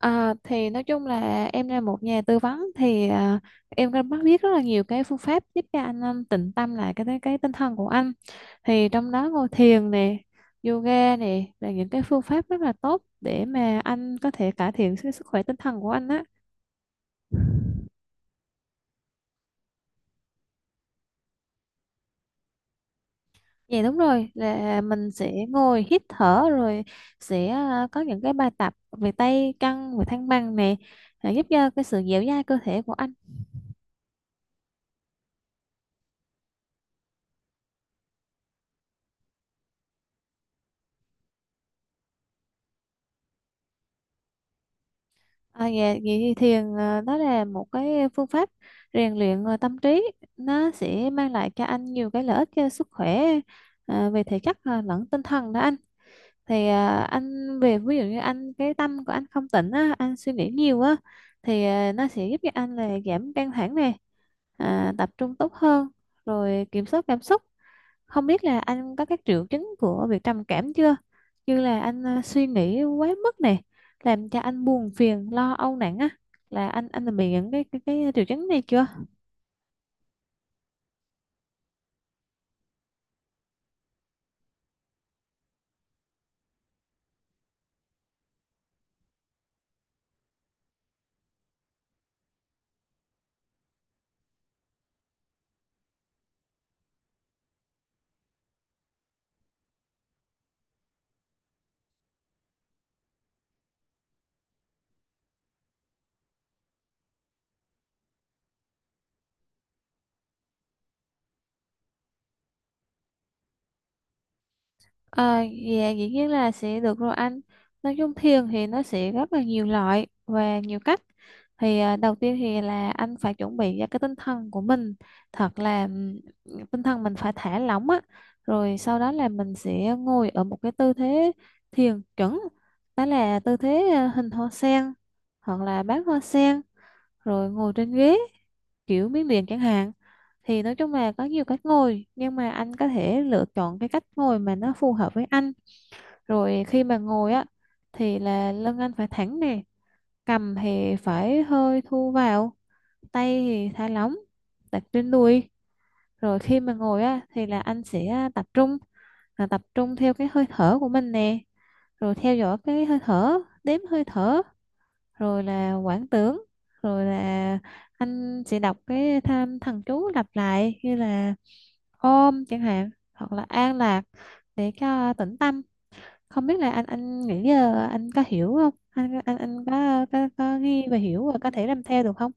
À, thì nói chung là em là một nhà tư vấn thì em có bắt biết rất là nhiều cái phương pháp giúp cho anh tịnh tâm lại cái tinh thần của anh, thì trong đó ngồi thiền nè, yoga nè là những cái phương pháp rất là tốt để mà anh có thể cải thiện cái sức khỏe tinh thần của anh á. Dạ đúng rồi, là mình sẽ ngồi hít thở rồi sẽ có những cái bài tập về tay chân, về thăng bằng nè, giúp cho cái sự dẻo dai cơ thể của anh. À, dạ, vậy thì thiền đó là một cái phương pháp rèn luyện tâm trí, nó sẽ mang lại cho anh nhiều cái lợi ích cho sức khỏe về thể chất lẫn tinh thần đó anh. Thì anh về ví dụ như anh cái tâm của anh không tỉnh á, anh suy nghĩ nhiều á, thì nó sẽ giúp cho anh là giảm căng thẳng này, tập trung tốt hơn, rồi kiểm soát cảm xúc. Không biết là anh có các triệu chứng của việc trầm cảm chưa? Như là anh suy nghĩ quá mức này, làm cho anh buồn phiền, lo âu nặng á, là anh đã bị những cái triệu chứng này chưa? À, dạ dĩ nhiên là sẽ được rồi anh. Nói chung thiền thì nó sẽ rất là nhiều loại và nhiều cách. Thì đầu tiên thì là anh phải chuẩn bị ra cái tinh thần của mình thật là tinh thần mình phải thả lỏng á. Rồi sau đó là mình sẽ ngồi ở một cái tư thế thiền chuẩn. Đó là tư thế hình hoa sen hoặc là bán hoa sen, rồi ngồi trên ghế kiểu miếng điện chẳng hạn. Thì nói chung là có nhiều cách ngồi nhưng mà anh có thể lựa chọn cái cách ngồi mà nó phù hợp với anh. Rồi khi mà ngồi á thì là lưng anh phải thẳng nè, cầm thì phải hơi thu vào, tay thì thả lỏng, đặt trên đùi. Rồi khi mà ngồi á thì là anh sẽ tập trung, là tập trung theo cái hơi thở của mình nè, rồi theo dõi cái hơi thở, đếm hơi thở, rồi là quảng tưởng, rồi là anh sẽ đọc cái tham thần chú lặp lại như là ôm chẳng hạn, hoặc là an lạc, để cho tĩnh tâm. Không biết là anh nghĩ giờ anh có hiểu không, anh có có ghi và hiểu và có thể làm theo được không?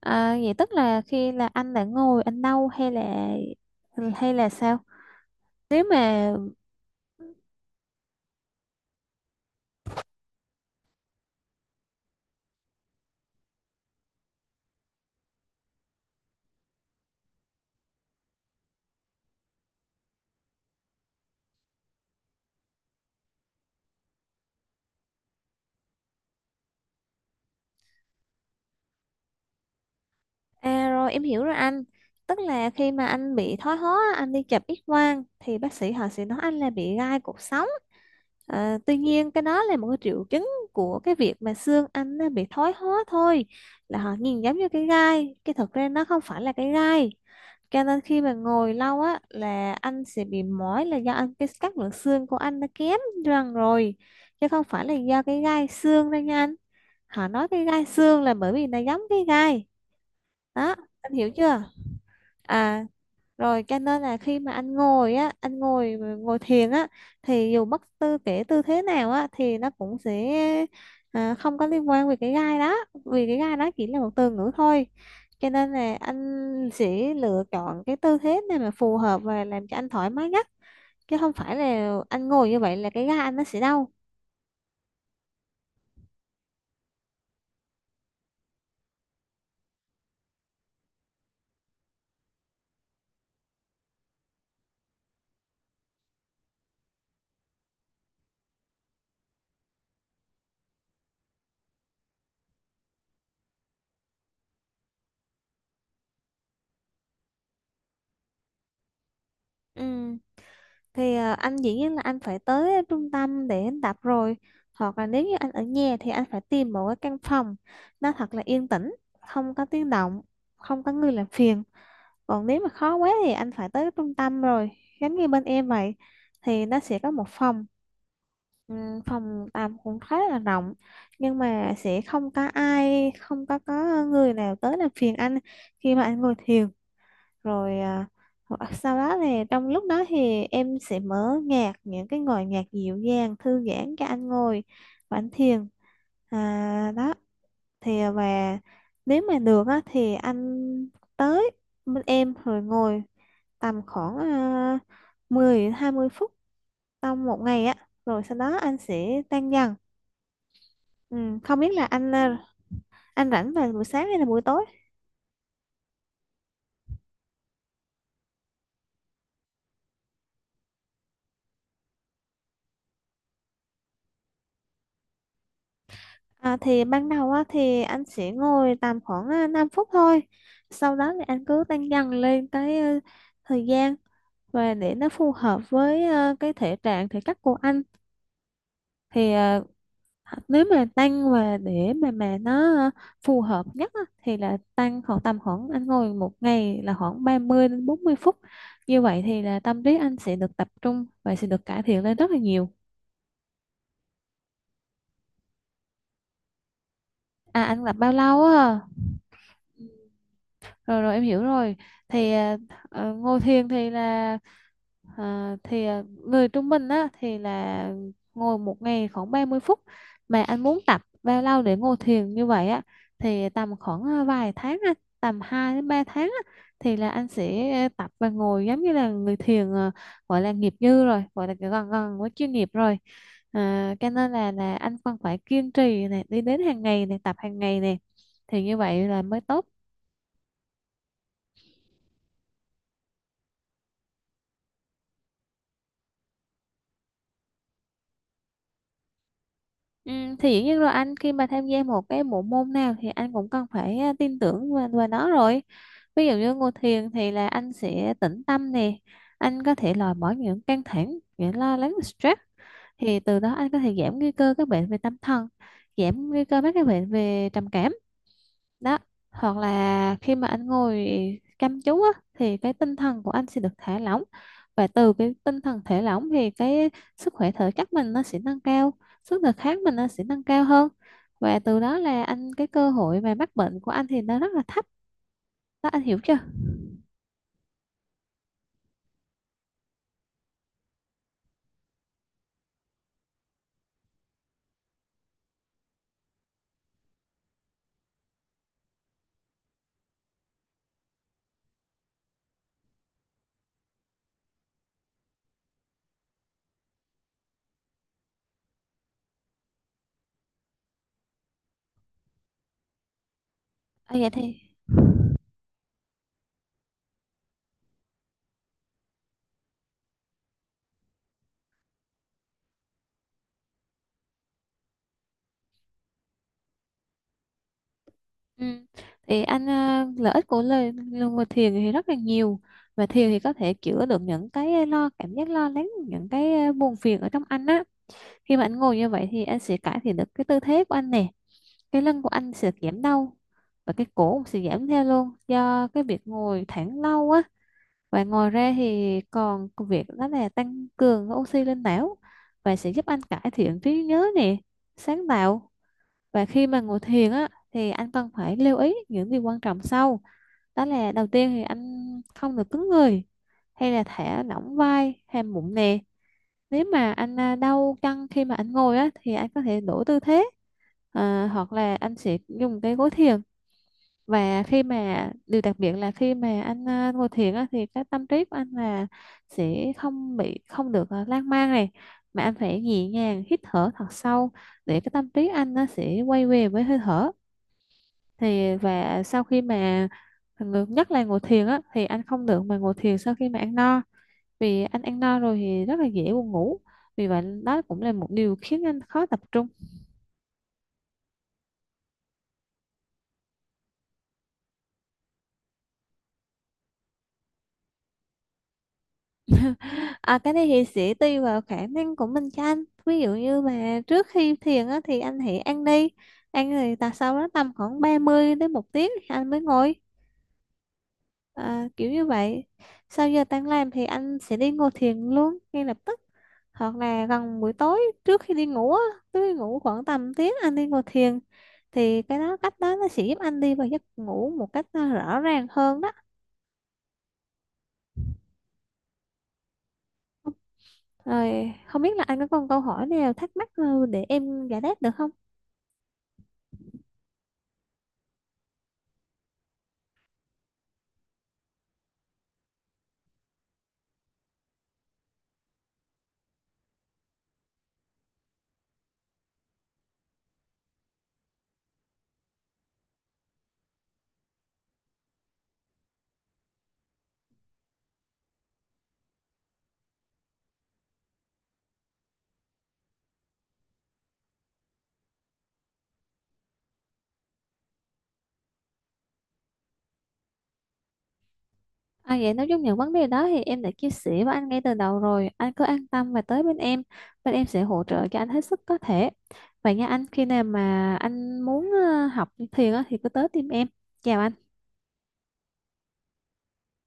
À, vậy tức là khi là anh đã ngồi anh đâu hay là sao? Nếu mà... À rồi em hiểu rồi anh. Tức là khi mà anh bị thoái hóa, anh đi chụp X quang thì bác sĩ họ sẽ nói anh là bị gai cột sống. Ờ, tuy nhiên cái đó là một cái triệu chứng của cái việc mà xương anh nó bị thoái hóa thôi. Là họ nhìn giống như cái gai, cái thực ra nó không phải là cái gai. Cho nên khi mà ngồi lâu á là anh sẽ bị mỏi là do anh cái các lượng xương của anh nó kém dần rồi. Chứ không phải là do cái gai xương đâu nha anh. Họ nói cái gai xương là bởi vì nó giống cái gai. Đó, anh hiểu chưa? À rồi cho nên là khi mà anh ngồi á, anh ngồi ngồi thiền á thì dù bất tư kể tư thế nào á thì nó cũng sẽ không có liên quan về cái gai đó, vì cái gai đó chỉ là một từ ngữ thôi. Cho nên là anh sẽ lựa chọn cái tư thế này mà phù hợp và làm cho anh thoải mái nhất, chứ không phải là anh ngồi như vậy là cái gai anh nó sẽ đau. Ừ. Thì anh dĩ nhiên là anh phải tới trung tâm để anh tập rồi. Hoặc là nếu như anh ở nhà thì anh phải tìm một cái căn phòng nó thật là yên tĩnh, không có tiếng động, không có người làm phiền. Còn nếu mà khó quá thì anh phải tới trung tâm rồi, giống như bên em vậy thì nó sẽ có một phòng phòng tạm cũng khá là rộng, nhưng mà sẽ không có ai, không có người nào tới làm phiền anh khi mà anh ngồi thiền. Rồi hoặc sau đó thì trong lúc đó thì em sẽ mở nhạc những cái ngồi nhạc dịu dàng thư giãn cho anh ngồi và anh thiền, đó. Thì và nếu mà được á, thì anh tới bên em rồi ngồi tầm khoảng 10 20 phút trong một ngày á, rồi sau đó anh sẽ tan dần. Ừ, không biết là anh anh rảnh vào buổi sáng hay là buổi tối? À, thì ban đầu á, thì anh sẽ ngồi tầm khoảng 5 phút thôi, sau đó thì anh cứ tăng dần lên cái thời gian và để nó phù hợp với cái thể trạng thể chất của anh. Thì nếu mà tăng và để mà nó phù hợp nhất á, thì là tăng khoảng tầm khoảng anh ngồi một ngày là khoảng 30 đến 40 phút, như vậy thì là tâm trí anh sẽ được tập trung và sẽ được cải thiện lên rất là nhiều. À anh tập bao lâu á? Rồi rồi em hiểu rồi. Thì ngồi thiền thì là người trung bình á thì là ngồi một ngày khoảng 30 phút, mà anh muốn tập bao lâu để ngồi thiền như vậy á? Thì tầm khoảng vài tháng á, tầm 2 đến 3 tháng á, thì là anh sẽ tập và ngồi giống như là người thiền gọi là nghiệp dư rồi, gọi là gần gần với chuyên nghiệp rồi. À, cho nên là anh còn phải kiên trì này, đi đến hàng ngày này, tập hàng ngày này, thì như vậy là mới tốt. Ừ, thì dĩ nhiên rồi anh, khi mà tham gia một cái bộ môn nào thì anh cũng cần phải tin tưởng vào nó rồi. Ví dụ như ngồi thiền thì là anh sẽ tĩnh tâm nè, anh có thể loại bỏ những căng thẳng, những lo lắng, stress, thì từ đó anh có thể giảm nguy cơ các bệnh về tâm thần, giảm nguy cơ mắc các bệnh về trầm cảm. Đó, hoặc là khi mà anh ngồi chăm chú á, thì cái tinh thần của anh sẽ được thả lỏng, và từ cái tinh thần thả lỏng thì cái sức khỏe thể chất mình nó sẽ nâng cao, sức đề kháng mình nó sẽ nâng cao hơn, và từ đó là anh cái cơ hội mà mắc bệnh của anh thì nó rất là thấp. Đó, anh hiểu chưa? À, vậy thì ừ. Thì anh lợi ích của lời ngồi thiền thì rất là nhiều, và thiền thì có thể chữa được những cái lo cảm giác lo lắng, những cái buồn phiền ở trong anh á. Khi mà anh ngồi như vậy thì anh sẽ cải thiện được cái tư thế của anh nè, cái lưng của anh sẽ giảm đau và cái cổ cũng sẽ giảm theo luôn do cái việc ngồi thẳng lâu á. Và ngồi ra thì còn việc đó là tăng cường oxy lên não và sẽ giúp anh cải thiện trí nhớ nè, sáng tạo. Và khi mà ngồi thiền á thì anh cần phải lưu ý những điều quan trọng sau. Đó là đầu tiên thì anh không được cứng người hay là thả lỏng vai hay bụng nè, nếu mà anh đau căng khi mà anh ngồi á thì anh có thể đổi tư thế, hoặc là anh sẽ dùng cái gối thiền. Và khi mà điều đặc biệt là khi mà anh ngồi thiền á thì cái tâm trí của anh là sẽ không bị, không được lan man này, mà anh phải nhẹ nhàng hít thở thật sâu để cái tâm trí anh nó sẽ quay về với hơi thở. Thì và sau khi mà nhất là ngồi thiền á thì anh không được mà ngồi thiền sau khi mà ăn no, vì anh ăn no rồi thì rất là dễ buồn ngủ, vì vậy đó cũng là một điều khiến anh khó tập trung. À, cái này thì sẽ tùy vào khả năng của mình cho anh, ví dụ như mà trước khi thiền á, thì anh hãy ăn đi, ăn rồi ta sau đó tầm khoảng 30 phút đến 1 tiếng thì anh mới ngồi, kiểu như vậy. Sau giờ tan làm thì anh sẽ đi ngồi thiền luôn ngay lập tức, hoặc là gần buổi tối trước khi đi ngủ á, trước khi ngủ khoảng tầm tiếng anh đi ngồi thiền, thì cái đó cách đó nó sẽ giúp anh đi vào giấc ngủ một cách rõ ràng hơn đó. Rồi không biết là anh có còn câu hỏi nào thắc mắc để em giải đáp được không? À vậy nói chung những vấn đề đó thì em đã chia sẻ với anh ngay từ đầu rồi. Anh cứ an tâm và tới bên em. Bên em sẽ hỗ trợ cho anh hết sức có thể. Vậy nha anh, khi nào mà anh muốn học thiền á, thì cứ tới tìm em. Chào anh.